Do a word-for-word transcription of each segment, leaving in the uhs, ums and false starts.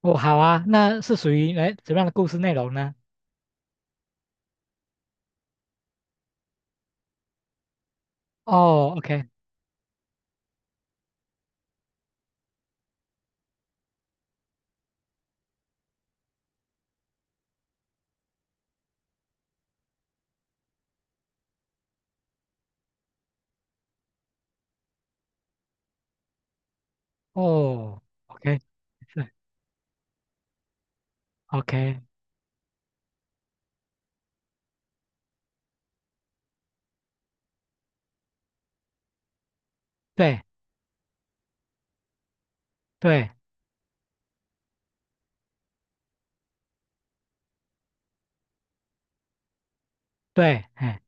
哦，好啊，那是属于哎怎么样的故事内容呢？哦，OK，哦，OK，是 OK，对对对，哎，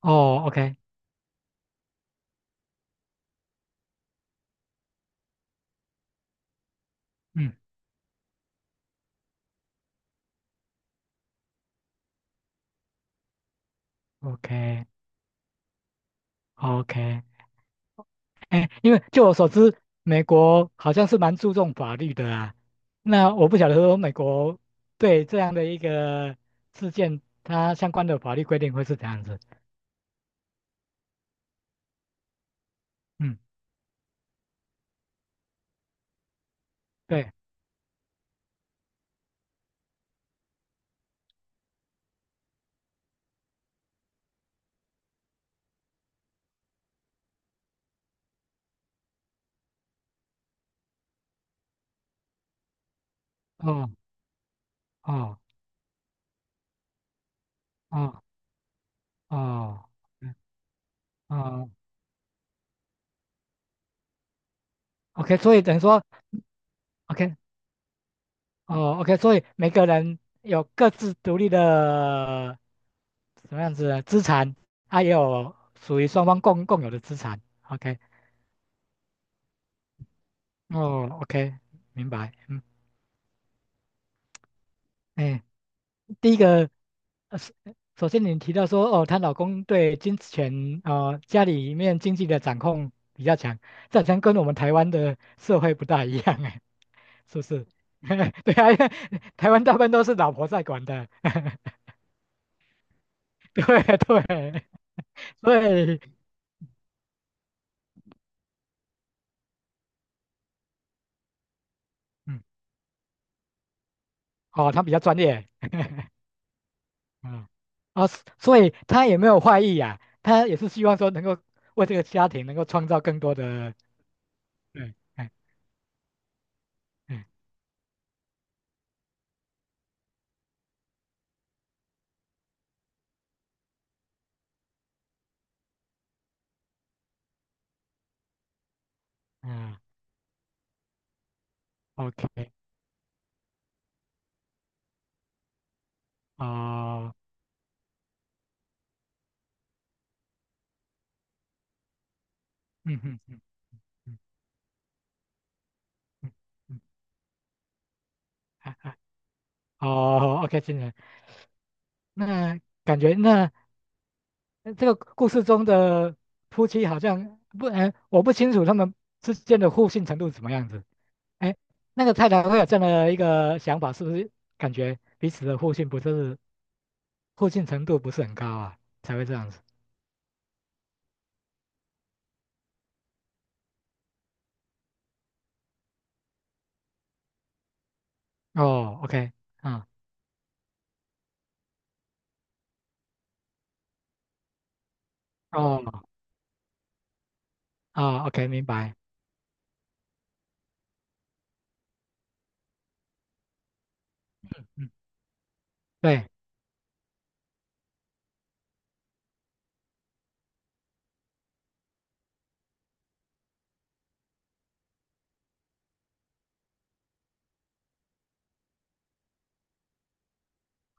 哦，OK，嗯，OK，OK，哎，因为就我所知，美国好像是蛮注重法律的啊。那我不晓得说美国对这样的一个事件，它相关的法律规定会是怎样子？嗯，对，哦哦哦哦，嗯哦，OK，所以等于说。OK，哦，OK，所以每个人有各自独立的什么样子的资产，他也有属于双方共共有的资产。OK，哦，OK，明白。嗯，哎，第一个，呃，是首先您提到说，哦，她老公对金钱，呃，家里面经济的掌控比较强，这好像跟我们台湾的社会不大一样，哎，是不是？对啊，因为台湾大部分都是老婆在管的，对对，所以。嗯哦，他比较专业，嗯，啊、所以他也没有坏意呀、他也是希望说能够为这个家庭能够创造更多的，对，哎哎嗯哦，OK，哦，嗯嗯嗯嗯嗯嗯，啊啊哦，OK，金人，那感觉那呃这个故事中的夫妻好像不，哎，我不清楚他们之间的互信程度是怎么样子，哎，那个太太会有这样的一个想法，是不是感觉彼此的互信不是？互信程度不是很高啊，才会这样子。哦，OK，啊，哦，啊，OK，明白。嗯，对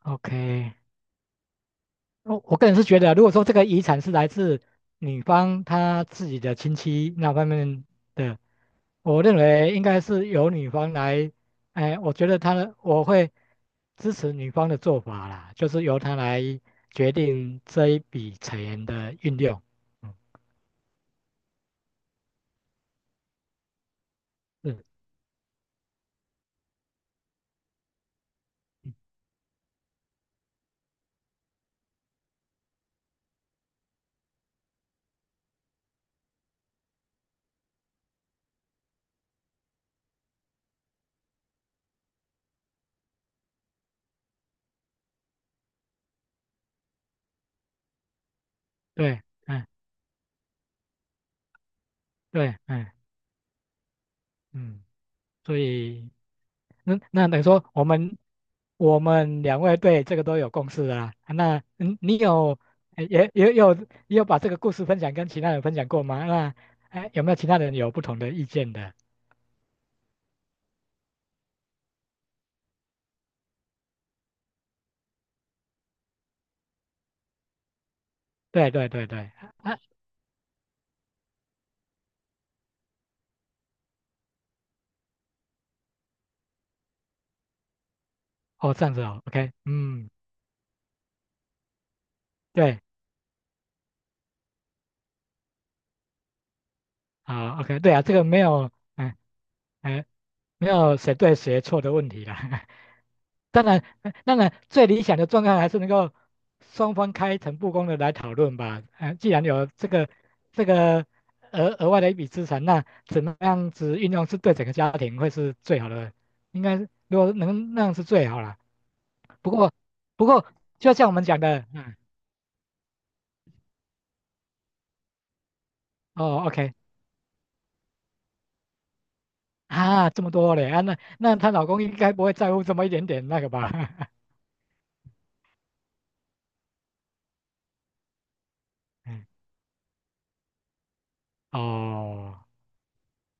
，OK。我我个人是觉得啊，如果说这个遗产是来自女方她自己的亲戚那方面的，我认为应该是由女方来，哎，我觉得她的我会支持女方的做法啦，就是由她来决定这一笔钱的运用。嗯，是，嗯对，嗯，对，嗯嗯，所以。嗯，那等于说我们我们两位对这个都有共识了啦。啊那嗯，你有呃也也有也有把这个故事分享跟其他人分享过吗？那哎，有没有其他人有不同的意见的？对对对对，啊，哦，这样子哦，OK，嗯，对，好，OK，对啊，这个没有，嗯、哎，没有谁对谁错的问题啦。当然，呃当然，最理想的状态还是能够双方开诚布公的来讨论吧。呃，既然有这个这个额额外的一笔资产，那怎么样子运用是对整个家庭会是最好的？应该如果能那样是最好了。不过，不过就像我们讲的，嗯，哦，OK，啊，这么多嘞啊，那那她老公应该不会在乎这么一点点那个吧？嗯，哦，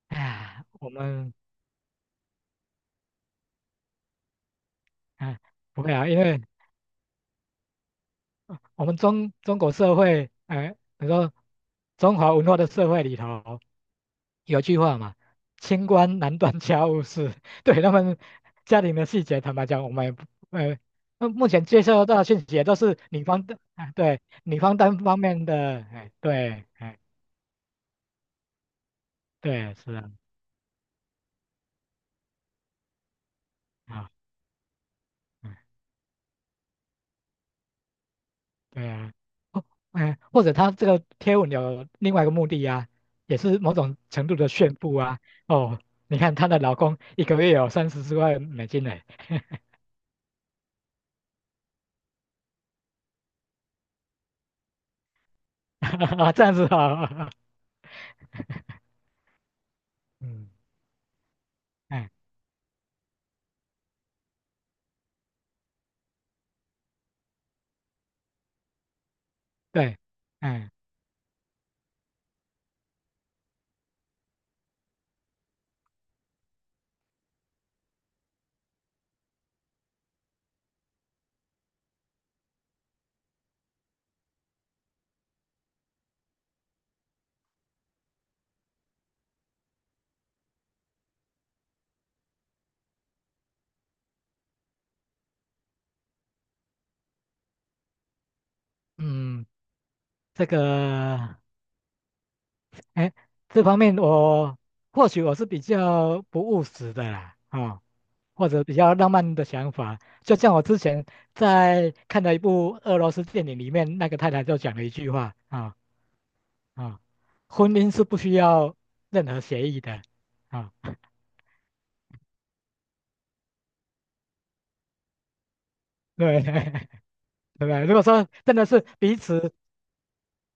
哎，我们。啊不会啊，因为我们中中国社会，哎、你说中华文化的社会里头有句话嘛，清官难断家务事。对他们家庭的细节，坦白讲，我们也不，呃，那目前接收到的讯息也都是女方的，哎、对，女方单方面的，哎、对，哎、对，是啊，啊、嗯，对啊，哦，哎、或者他这个贴文有另外一个目的啊，也是某种程度的炫富啊，哦。你看她的老公一个月有三十四万美金呢，啊，这样子啊，嗯，哎，对，哎，嗯，这个，哎，这方面我或许我是比较不务实的啦，啊、或者比较浪漫的想法，就像我之前在看的一部俄罗斯电影里面，那个太太就讲了一句话啊啊，婚姻是不需要任何协议的啊，对 对不对？如果说真的是彼此，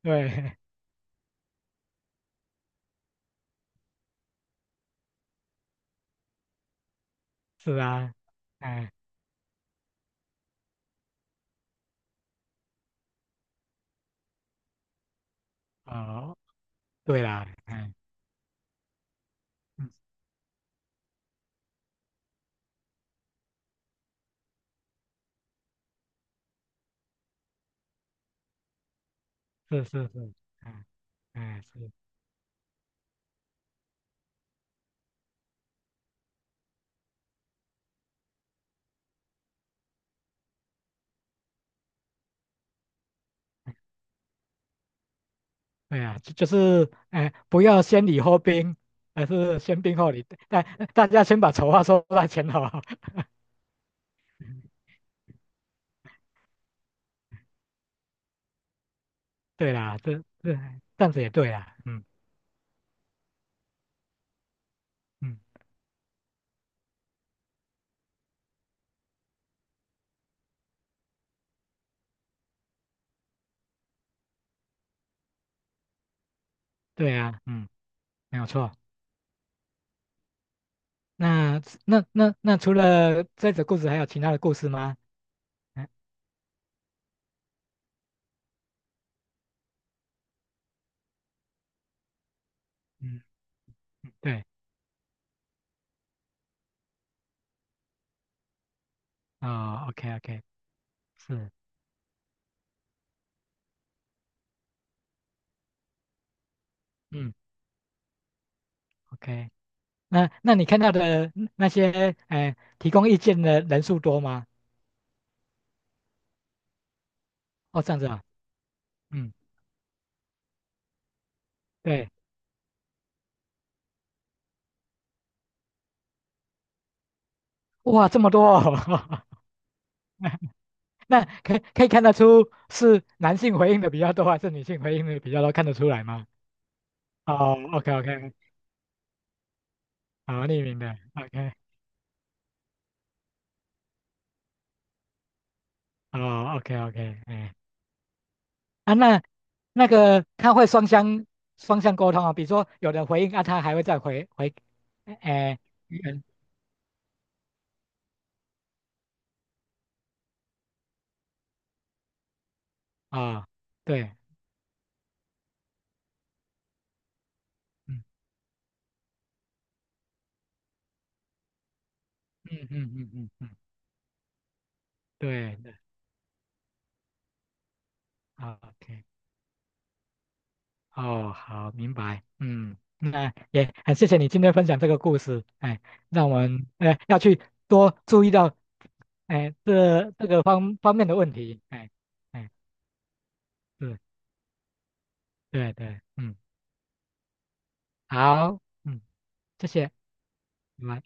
对，是啊，哎，哦、对啦，哎，嗯，是是是，哎哎是，对啊，就就是哎，不要先礼后兵，而是先兵后礼，大大家先把丑话说在前头。对啦，这这这样子也对啦，嗯嗯，对啊，嗯，没有错。那那那那除了这则故事，还有其他的故事吗？嗯嗯，对，哦，OK OK，是，嗯，OK。那那你看到的那些，哎、提供意见的人数多吗？哦，这样子啊。嗯，对，哇，这么多哦，那可可以看得出是男性回应的比较多，还是女性回应的比较多？看得出来吗？哦，OK OK，好，匿名的，OK，哦，OK OK，哎，啊，那那个他会双向双向沟通啊，比如说有人回应啊，他还会再回回，哎，嗯啊，哦对，嗯嗯嗯嗯嗯嗯，对对，的，OK，哦，好，明白。嗯，那也很谢谢你今天分享这个故事，哎，让我们呃要去多注意到，哎，这这个方方面的问题，哎，哎，对对对，嗯，好，嗯，谢谢，拜拜。